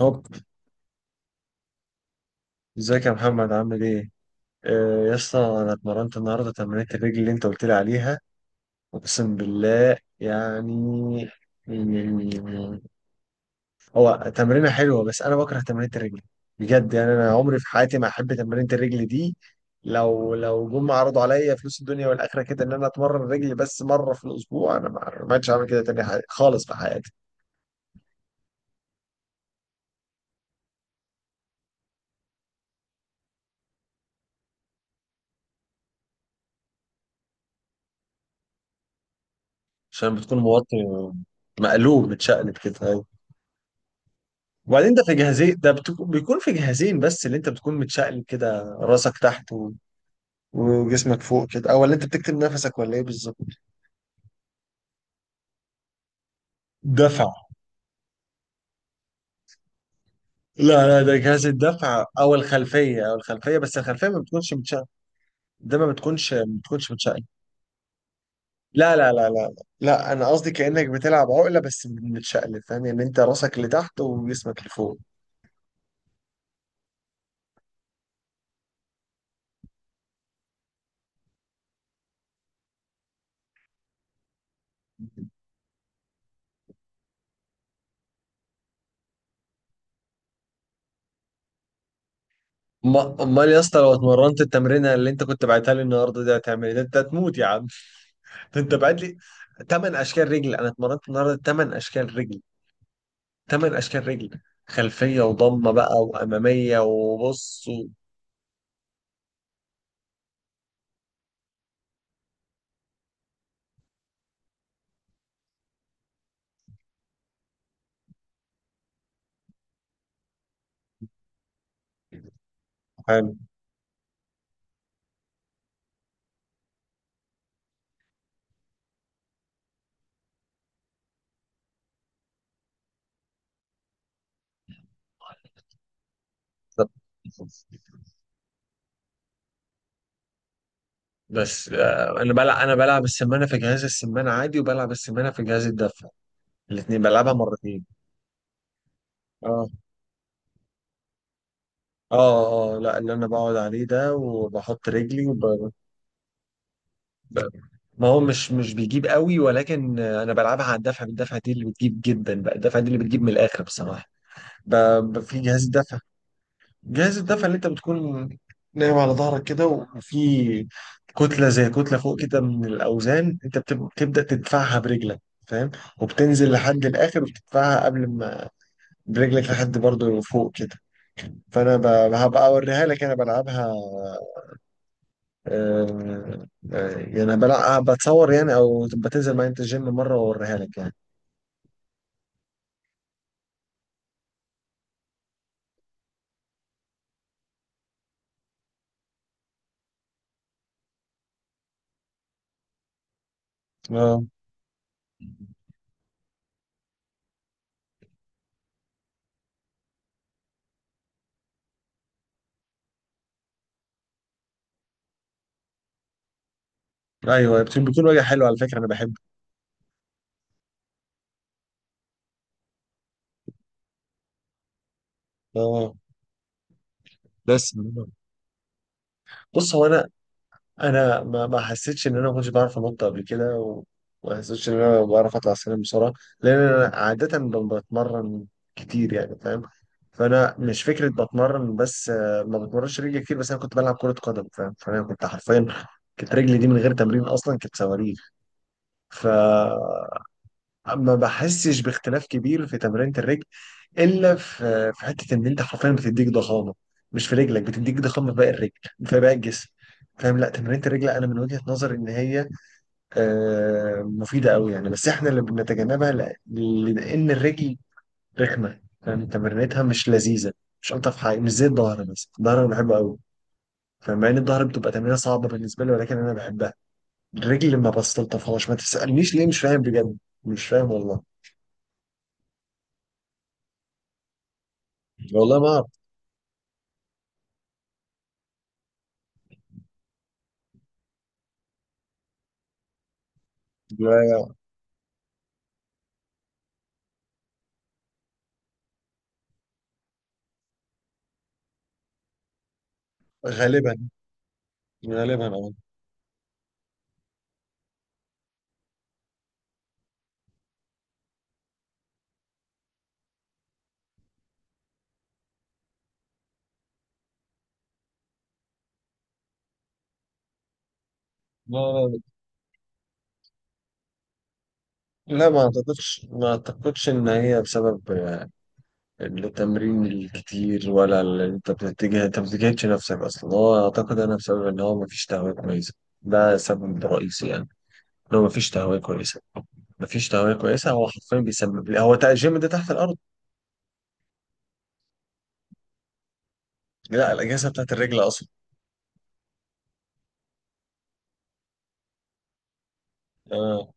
هوب، ازيك يا محمد، عامل ايه؟ آه يا اسطى، انا اتمرنت النهارده تمرينة الرجل اللي انت قلت لي عليها. اقسم بالله يعني. يعني- هو تمرينة حلوة، بس انا بكره تمرينة الرجل. بجد يعني انا عمري في حياتي ما احب تمرينة الرجل دي. لو جم عرضوا عليا فلوس الدنيا والاخره كده ان انا اتمرن رجلي بس مره في الاسبوع، انا ما عادش هعمل كده تاني خالص في حياتي. عشان بتكون موطي، مقلوب، متشقلب كده. وبعدين ده في جهازين، ده بيكون في جهازين، بس اللي انت بتكون متشقلب كده راسك تحت وجسمك فوق كده، او اللي انت بتكتم نفسك ولا ايه بالظبط؟ دفع. لا لا، ده جهاز الدفع او الخلفيه بس، الخلفيه ما بتكونش متشقلب. ده ما بتكونش متشقلب. لا لا لا لا، لا انا قصدي كانك بتلعب عقله بس متشقلب، فاهم؟ يعني انت راسك لتحت وجسمك لفوق. امال يا اسطى لو اتمرنت التمرينه اللي انت كنت بعتها لي النهارده دي هتعمل ايه؟ ده انت هتموت يا عم. انت بعت لي ثمان اشكال رجل، انا اتمرنت النهارده ثمان اشكال رجل، ثمان اشكال رجل. خلفيه وضمه بقى واماميه وبص حلو. طب، بس انا بلعب السمانه في جهاز السمانه عادي، وبلعب السمانه في جهاز الدفع. الاثنين بلعبها مرتين. اه اه اه، لا اللي انا بقعد عليه ده، وبحط رجلي ب- ما هو مش بيجيب قوي، ولكن انا بلعبها على الدفع. بالدفع دي اللي بتجيب جدا بقى. الدفع دي اللي بتجيب من الاخر بصراحه. ب... في جهاز الدفع، جهاز الدفع اللي انت بتكون نايم على ظهرك كده، وفي كتلة زي كتلة فوق كده من الأوزان، انت بتبدأ تدفعها برجلك، فاهم؟ وبتنزل لحد الآخر، وبتدفعها قبل ما برجلك لحد برضه فوق كده. فأنا هبقى أوريها لك أنا بلعبها. آه، يعني بلعب، بتصور يعني، أو بتنزل معايا انت الجيم مرة وأوريها لك يعني. اه ايوه، بيكون وجه حلو على فكرة، أنا بحبه. اه، بس بص، هو انا انا ما حسيتش ان انا ما كنتش بعرف انط قبل كده، وما حسيتش ان انا بعرف اطلع السلم بسرعه. لان انا عاده بتمرن كتير يعني، فاهم؟ فانا مش فكره بتمرن، بس ما بتمرنش رجلي كتير، بس انا كنت بلعب كره قدم فاهم، فانا كنت حرفيا كانت رجلي دي من غير تمرين اصلا كانت صواريخ. فما بحسش باختلاف كبير في تمرينة الرجل، الا في حته ان انت حرفيا بتديك ضخامه، مش في رجلك، بتديك ضخامه في باقي الرجل، في باقي الجسم، فاهم؟ لا تمرينة الرجل انا من وجهه نظري ان هي مفيده قوي يعني، بس احنا اللي بنتجنبها لان الرجل رخمه، فاهم؟ تمرينتها مش لذيذه، مش الطف حاجه، مش زي الظهر. بس الظهر انا بحبه قوي. فمع ان الظهر بتبقى تمرينه صعبه بالنسبه لي، ولكن انا بحبها. الرجل ما بستلطفهاش، ما تسالنيش ليه، مش فاهم بجد، مش فاهم والله. والله ما اعرف. غالبا، غالبا اه. لا، لا، لا ما اعتقدش ان هي بسبب التمرين الكتير ولا اللي انت بتتجه، انت ما بتجهدش نفسك اصلا. هو اعتقد انا بسبب ان هو ما فيش تهوية كويسة، ده سبب رئيسي يعني. ان هو ما فيش تهوية كويسة. هو حرفيا بيسبب لي، هو الجيم ده تحت الارض. لا الاجهزة بتاعت الرجل اصلا. اه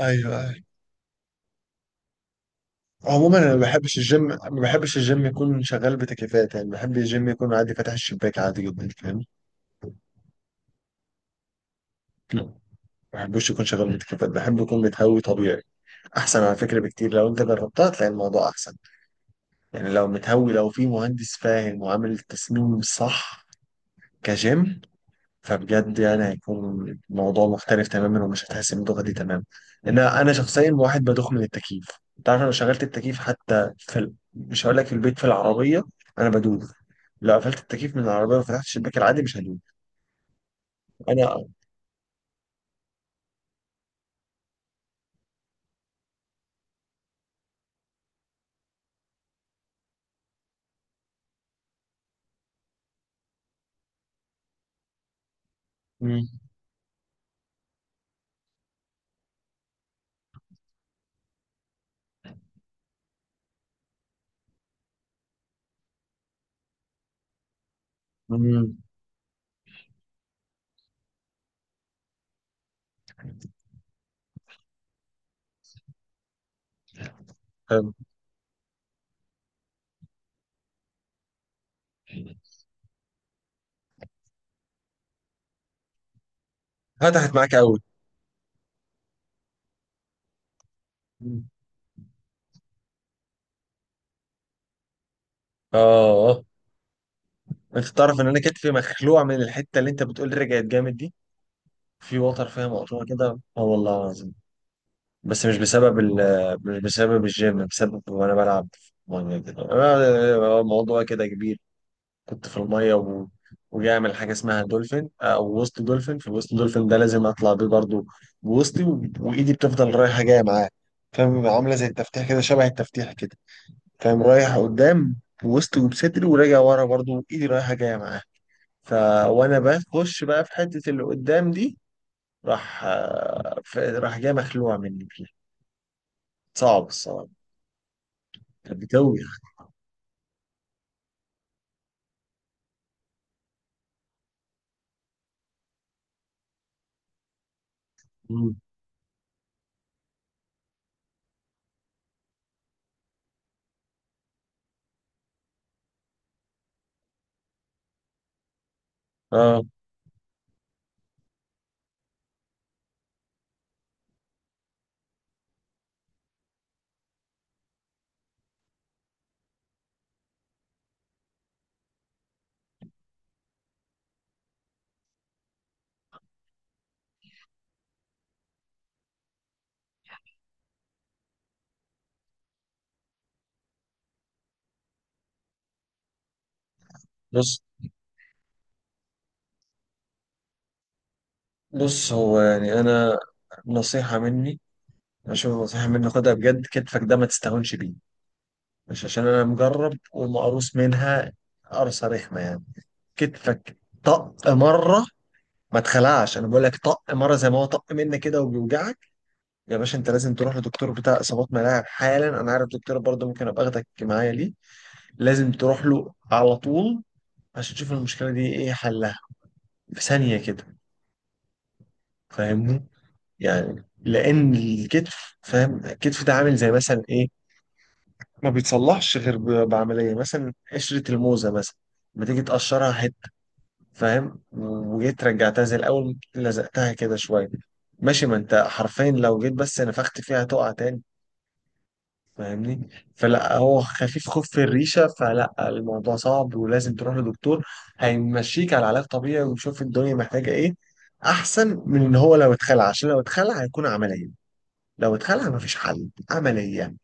ايوه ايوه. عموما انا ما بحبش الجيم، ما بحبش الجيم يكون شغال بتكييفات، يعني بحب الجيم يكون عادي فاتح الشباك عادي جدا، فاهم؟ ما بحبوش يكون شغال بتكييفات، بحب يكون متهوي طبيعي. احسن على فكره بكتير، لو انت جربتها تلاقي الموضوع احسن. يعني لو متهوي، لو في مهندس فاهم وعامل التصميم صح كجيم، فبجد يعني هيكون الموضوع مختلف تماما، ومش هتحس بالدوخه دي تماما. انا شخصيا واحد بدوخ من التكييف. انت عارف لو شغلت التكييف حتى في مش هقول لك في البيت، في العربيه انا بدوخ. لو قفلت التكييف من العربيه وفتحت الشباك العادي مش هدوخ. انا. مم. مم. حلو. فتحت معاك قوي. اه، انت تعرف ان انا كتفي مخلوع من الحته اللي انت بتقول رجعت جامد دي؟ في وتر فيها مقطوعه كده، اه والله العظيم. بس مش بسبب ال مش بسبب الجيم، بسبب وانا بلعب في الميه كده، الموضوع كده كبير. كنت في الميه وجاي اعمل حاجه اسمها دولفين او وسط دولفين. في الوسط دولفين ده لازم اطلع بيه برضو بوسطي، وايدي بتفضل رايحه جايه معاه، فاهم؟ عامله زي التفتيح كده، شبه التفتيح كده فاهم، رايح قدام بوسطي وبصدري، وراجع ورا برضو ايدي رايحه جايه معاه. ف وانا بخش بقى في حتة اللي قدام دي، راح راح جاي مخلوع مني فيها. صعب الصراحة. كانت بتوجع. مم. اه، بص بص هو يعني انا نصيحة مني، عشان نصيحة مني خدها بجد، كتفك ده ما تستهونش بيه. مش عشان انا مجرب ومقروص منها، قرصة رخمة يعني. كتفك طق مرة، ما تخلعش، انا بقول لك طق مرة، زي ما هو طق منك كده وبيوجعك. يا باشا انت لازم تروح لدكتور بتاع اصابات ملاعب حالا. انا عارف دكتور برضه، ممكن ابقى اخدك معايا ليه. لازم تروح له على طول، عشان تشوف المشكله دي ايه حلها، في ثانيه كده، فاهمني؟ يعني لان الكتف فاهم، الكتف ده عامل زي مثلا ايه، ما بيتصلحش غير بعمليه. مثلا قشره الموزه مثلا، لما تيجي تقشرها حته فاهم، وجيت رجعتها زي الاول، لزقتها كده شويه، ماشي. ما انت حرفيا لو جيت بس نفخت فيها تقع تاني، فاهمني؟ فلا هو خفيف خوف في الريشه، فلا الموضوع صعب ولازم تروح لدكتور. هيمشيك على علاج طبيعي، ويشوف الدنيا محتاجه ايه، احسن من ان هو لو اتخلع. عشان لو اتخلع هيكون عمليه. لو اتخلع مفيش حل، عمليه.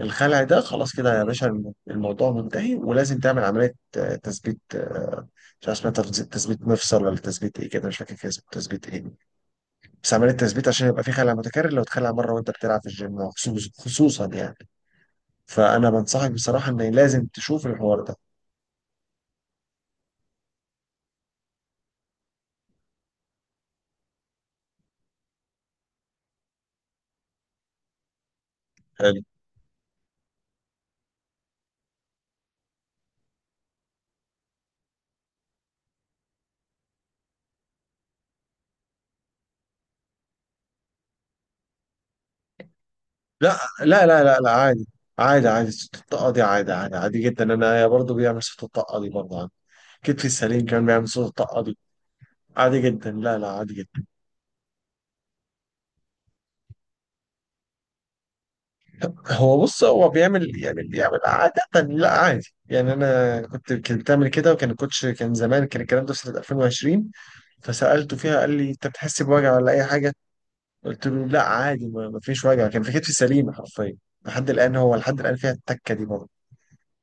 الخلع ده خلاص كده يا باشا، الموضوع منتهي، ولازم تعمل عمليه تثبيت، مش عارف اسمها، تثبيت مفصل، ولا تثبيت ايه كده، مش فاكر كده اسمه تثبيت ايه. بس عمليه تثبيت، عشان يبقى في خلع متكرر لو اتخلع مره وانت بتلعب في الجيم، خصوصا يعني. فانا بنصحك بصراحه ان لازم تشوف الحوار ده. حلو. لا لا لا لا، لا عادي، عادي عادي. صوت الطاقه دي عادي، عادي عادي جدا. انا برضه بيعمل صوت الطاقه دي برضه عندي، كتفي السليم كان بيعمل صوت الطاقه دي، عادي جدا، لا لا، عادي جدا. هو بص، هو بيعمل يعني، بيعمل عادة، لا عادي يعني. انا كنت بتعمل كده، وكان الكوتش كان زمان، كان الكلام ده في سنة 2020. فسألته فيها قال لي انت بتحس بوجع ولا اي حاجة؟ قلت له لا عادي، ما فيش وجع، كان في كتفي سليمة حرفيا لحد الآن. هو لحد الآن فيها التكة دي.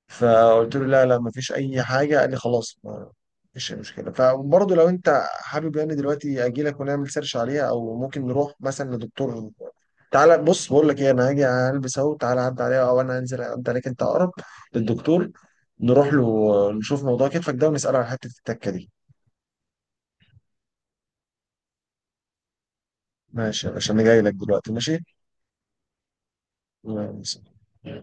فقلت له لا لا مفيش اي حاجه، قال لي خلاص ما فيش اي مشكله. فبرضه لو انت حابب يعني دلوقتي اجي لك ونعمل سيرش عليها، او ممكن نروح مثلا لدكتور. تعالى، بص بقول لك ايه، انا هاجي البس اهو تعالى عدى عليها، او انا هنزل عدى عليك انت اقرب للدكتور. نروح له نشوف موضوع كتفك ده، ونساله على حته التكه دي. ماشي يا باشا، انا جاي لك دلوقتي، ماشي. الله يسلمك.